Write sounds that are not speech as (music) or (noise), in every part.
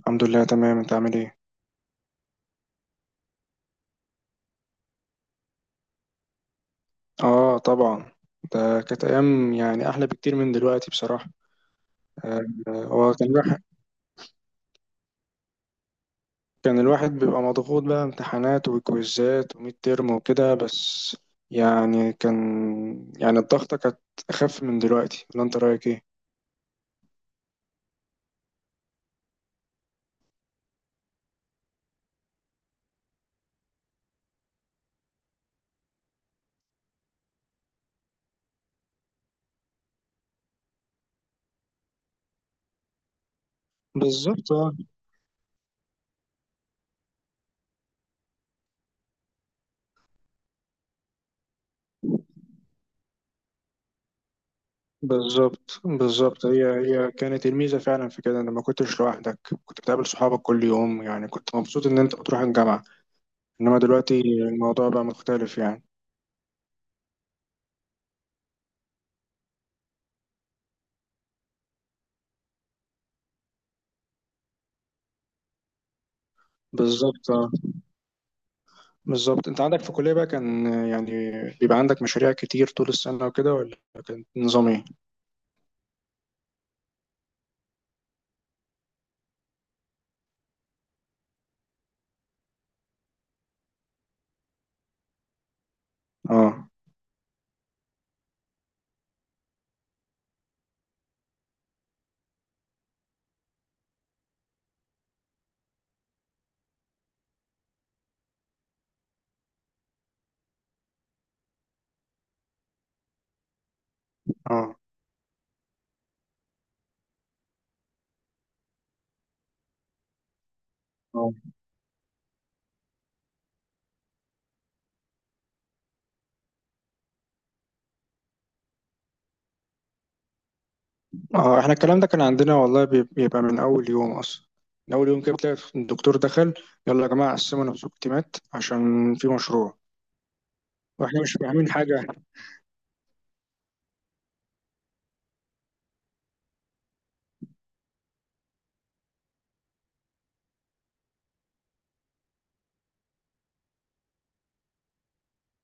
الحمد لله، تمام. انت عامل ايه؟ اه، طبعا. ده كانت ايام يعني احلى بكتير من دلوقتي بصراحه. آه، هو كان الواحد كان الواحد بيبقى مضغوط بقى امتحانات وكويزات وميد ترم وكده. بس يعني كان يعني الضغطه كانت اخف من دلوقتي، ولا انت رايك ايه؟ بالظبط، اه. بالظبط، بالظبط، هي هي كانت الميزه فعلا في كده، ان ما كنتش لوحدك. كنت بتقابل صحابك كل يوم، يعني كنت مبسوط ان انت بتروح الجامعه. انما دلوقتي الموضوع بقى مختلف يعني. بالظبط، بالظبط. انت عندك في الكلية بقى، كان يعني بيبقى عندك مشاريع كتير طول السنة وكده، ولا كان نظام ايه؟ اه، اه، اه، اه. احنا الكلام ده كان عندنا والله، بيبقى من اول يوم اصلا. من اول يوم كده بتلاقي الدكتور دخل: يلا يا جماعة، قسموا نفسكم تيمات عشان في مشروع. واحنا مش فاهمين حاجة.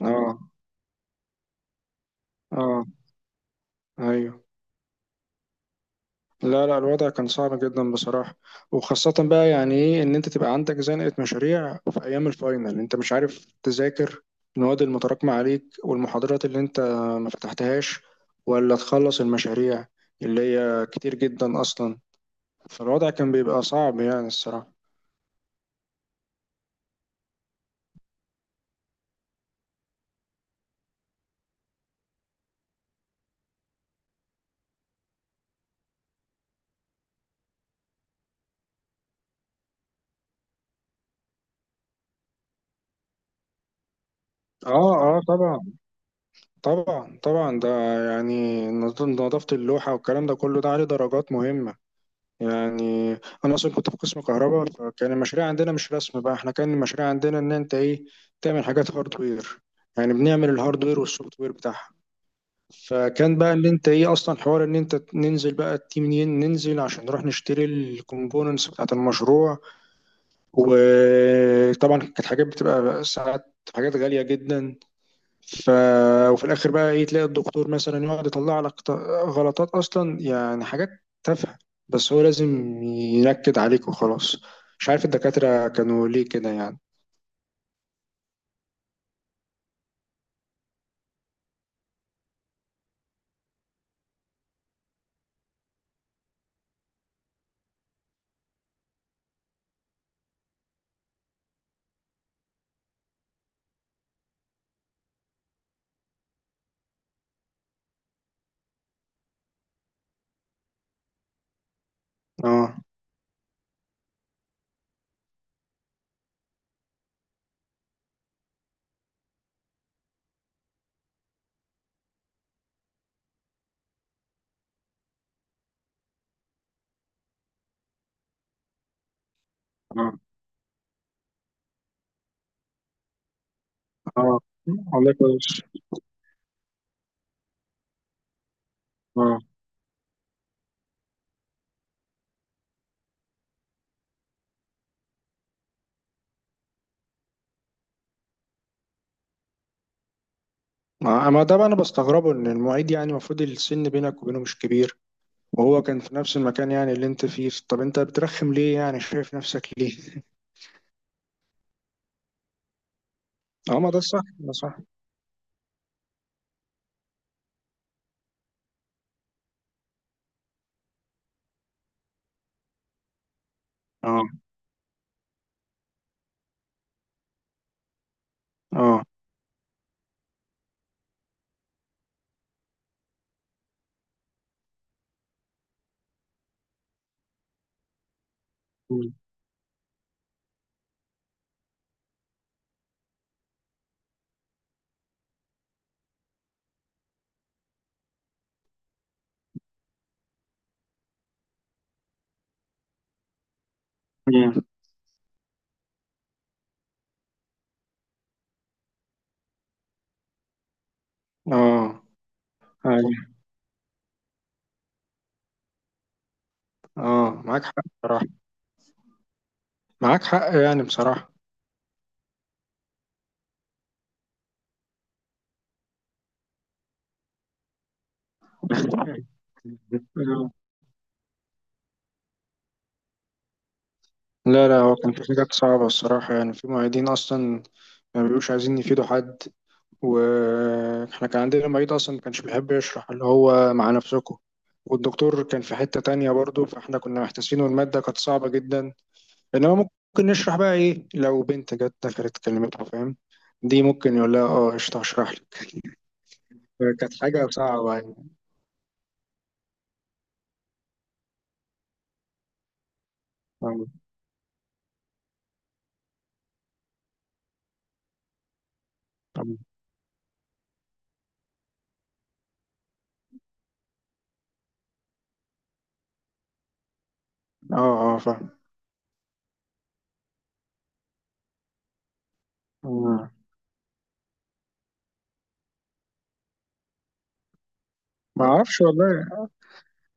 اه، اه، ايوه. لا، لا، الوضع كان صعب جدا بصراحة. وخاصة بقى يعني ايه، ان انت تبقى عندك زنقة مشاريع في ايام الفاينل، انت مش عارف تذاكر المواد المتراكمة عليك والمحاضرات اللي انت ما فتحتهاش، ولا تخلص المشاريع اللي هي كتير جدا اصلا. فالوضع كان بيبقى صعب يعني الصراحة. اه، اه، طبعا، طبعا، طبعا. ده يعني نظافة اللوحة والكلام ده كله، ده عليه درجات مهمة يعني. انا اصلا كنت في قسم كهرباء، فكان المشاريع عندنا مش رسم، بقى احنا كان المشاريع عندنا ان انت ايه، تعمل حاجات هاردوير. يعني بنعمل الهاردوير والسوفت وير بتاعها. فكان بقى ان انت ايه اصلا، حوار ان انت ننزل بقى التيم، ننزل عشان نروح نشتري الكومبوننتس بتاعت المشروع. وطبعا كانت حاجات بتبقى ساعات حاجات غالية جدا. ف... وفي الاخر بقى ايه، تلاقي الدكتور مثلا يقعد يطلع لك غلطات اصلا، يعني حاجات تافهه، بس هو لازم ينكد عليك وخلاص. مش عارف الدكاتره كانوا ليه كده يعني. اه، اه، اه. والله كويس. اه، ما ده بقى انا بستغربه، ان المعيد يعني المفروض السن بينك وبينه مش كبير، وهو كان في نفس المكان يعني اللي انت فيه. طب انت بترخم ليه يعني، شايف نفسك ليه؟ (laughs) اه، ما ده صح، ده صح. اه، اه. مم. اه، اه، معاك حق بصراحة، معاك حق يعني بصراحة. (laughs) لا، لا، هو كان في حاجات صعبة الصراحة، يعني في معيدين أصلا ما بيبقوش عايزين يفيدوا حد. وإحنا كان عندنا معيد أصلا ما كانش بيحب يشرح، اللي هو مع نفسكم، والدكتور كان في حتة تانية برضه، فإحنا كنا محتاسين والمادة كانت صعبة جدا. إنما ممكن نشرح بقى إيه لو بنت جت دخلت كلمتها، فاهم؟ دي ممكن يقول لها اه قشطة، هشرح لك. كانت حاجة صعبة يعني. اه، اه، آه، فاهم. ما اعرفش والله.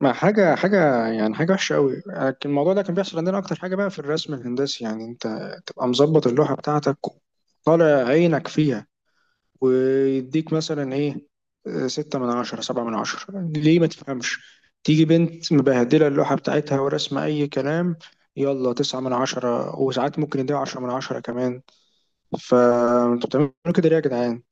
ما حاجه حاجه يعني، حاجه وحشه قوي، لكن الموضوع ده كان بيحصل عندنا اكتر حاجه بقى في الرسم الهندسي. يعني انت تبقى مظبط اللوحه بتاعتك، طالع عينك فيها، ويديك مثلا ايه، 6/10، 7/10. ليه ما تفهمش؟ تيجي بنت مبهدلة اللوحة بتاعتها ورسمة أي كلام، يلا 9/10، وساعات ممكن يديها 10/10 كمان. فانتوا بتعملوا كده ليه يا جدعان؟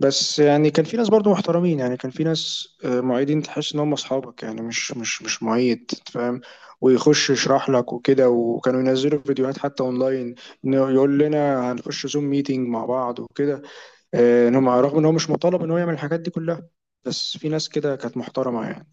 بس يعني كان في ناس برضو محترمين، يعني كان في ناس معيدين تحس ان هم اصحابك، يعني مش معيد، فاهم؟ ويخش يشرح لك وكده، وكانوا ينزلوا فيديوهات حتى اونلاين، انه يقول لنا هنخش زوم ميتنج مع بعض وكده. ان هم رغم ان هو مش مطالب ان هو يعمل الحاجات دي كلها، بس في ناس كده كانت محترمة يعني.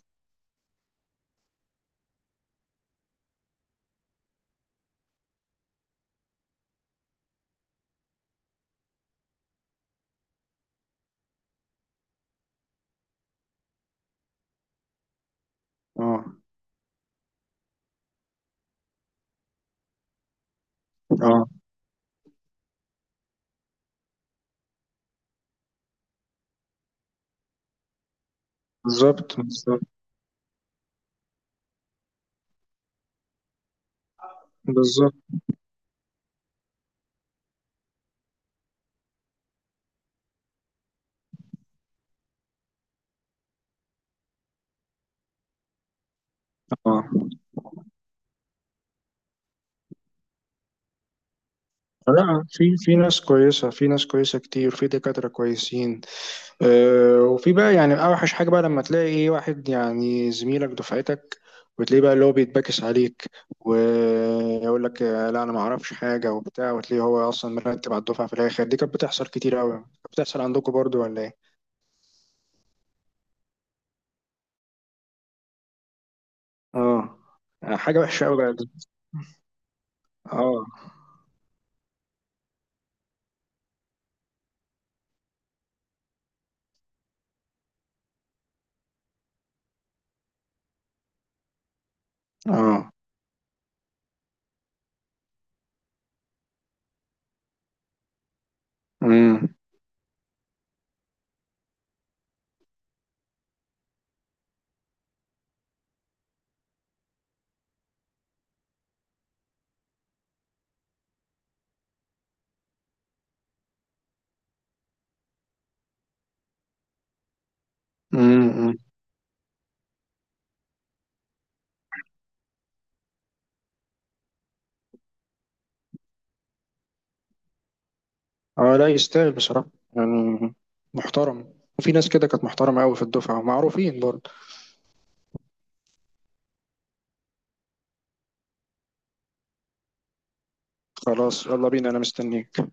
اه، اه، بالظبط، بالظبط، بالظبط، اه. لا، في ناس كويسة، في ناس كويسة كتير، في دكاترة كويسين. وفي بقى يعني اوحش حاجه بقى لما تلاقي ايه، واحد يعني زميلك دفعتك، وتلاقيه بقى اللي هو بيتباكس عليك، ويقول لك آه، لا انا ما اعرفش حاجه وبتاع، وتلاقيه هو اصلا مرتب على الدفعه في الاخر. دي كانت بتحصل كتير قوي، بتحصل عندكم برضو ولا ايه؟ اه، حاجه وحشه قوي بقى دي. اه، اه، امم، امم. اه، لا يستاهل بصراحه يعني، محترم. وفي ناس كده كانت محترمه قوي في الدفعه ومعروفين برضه. خلاص، يلا بينا، انا مستنيك.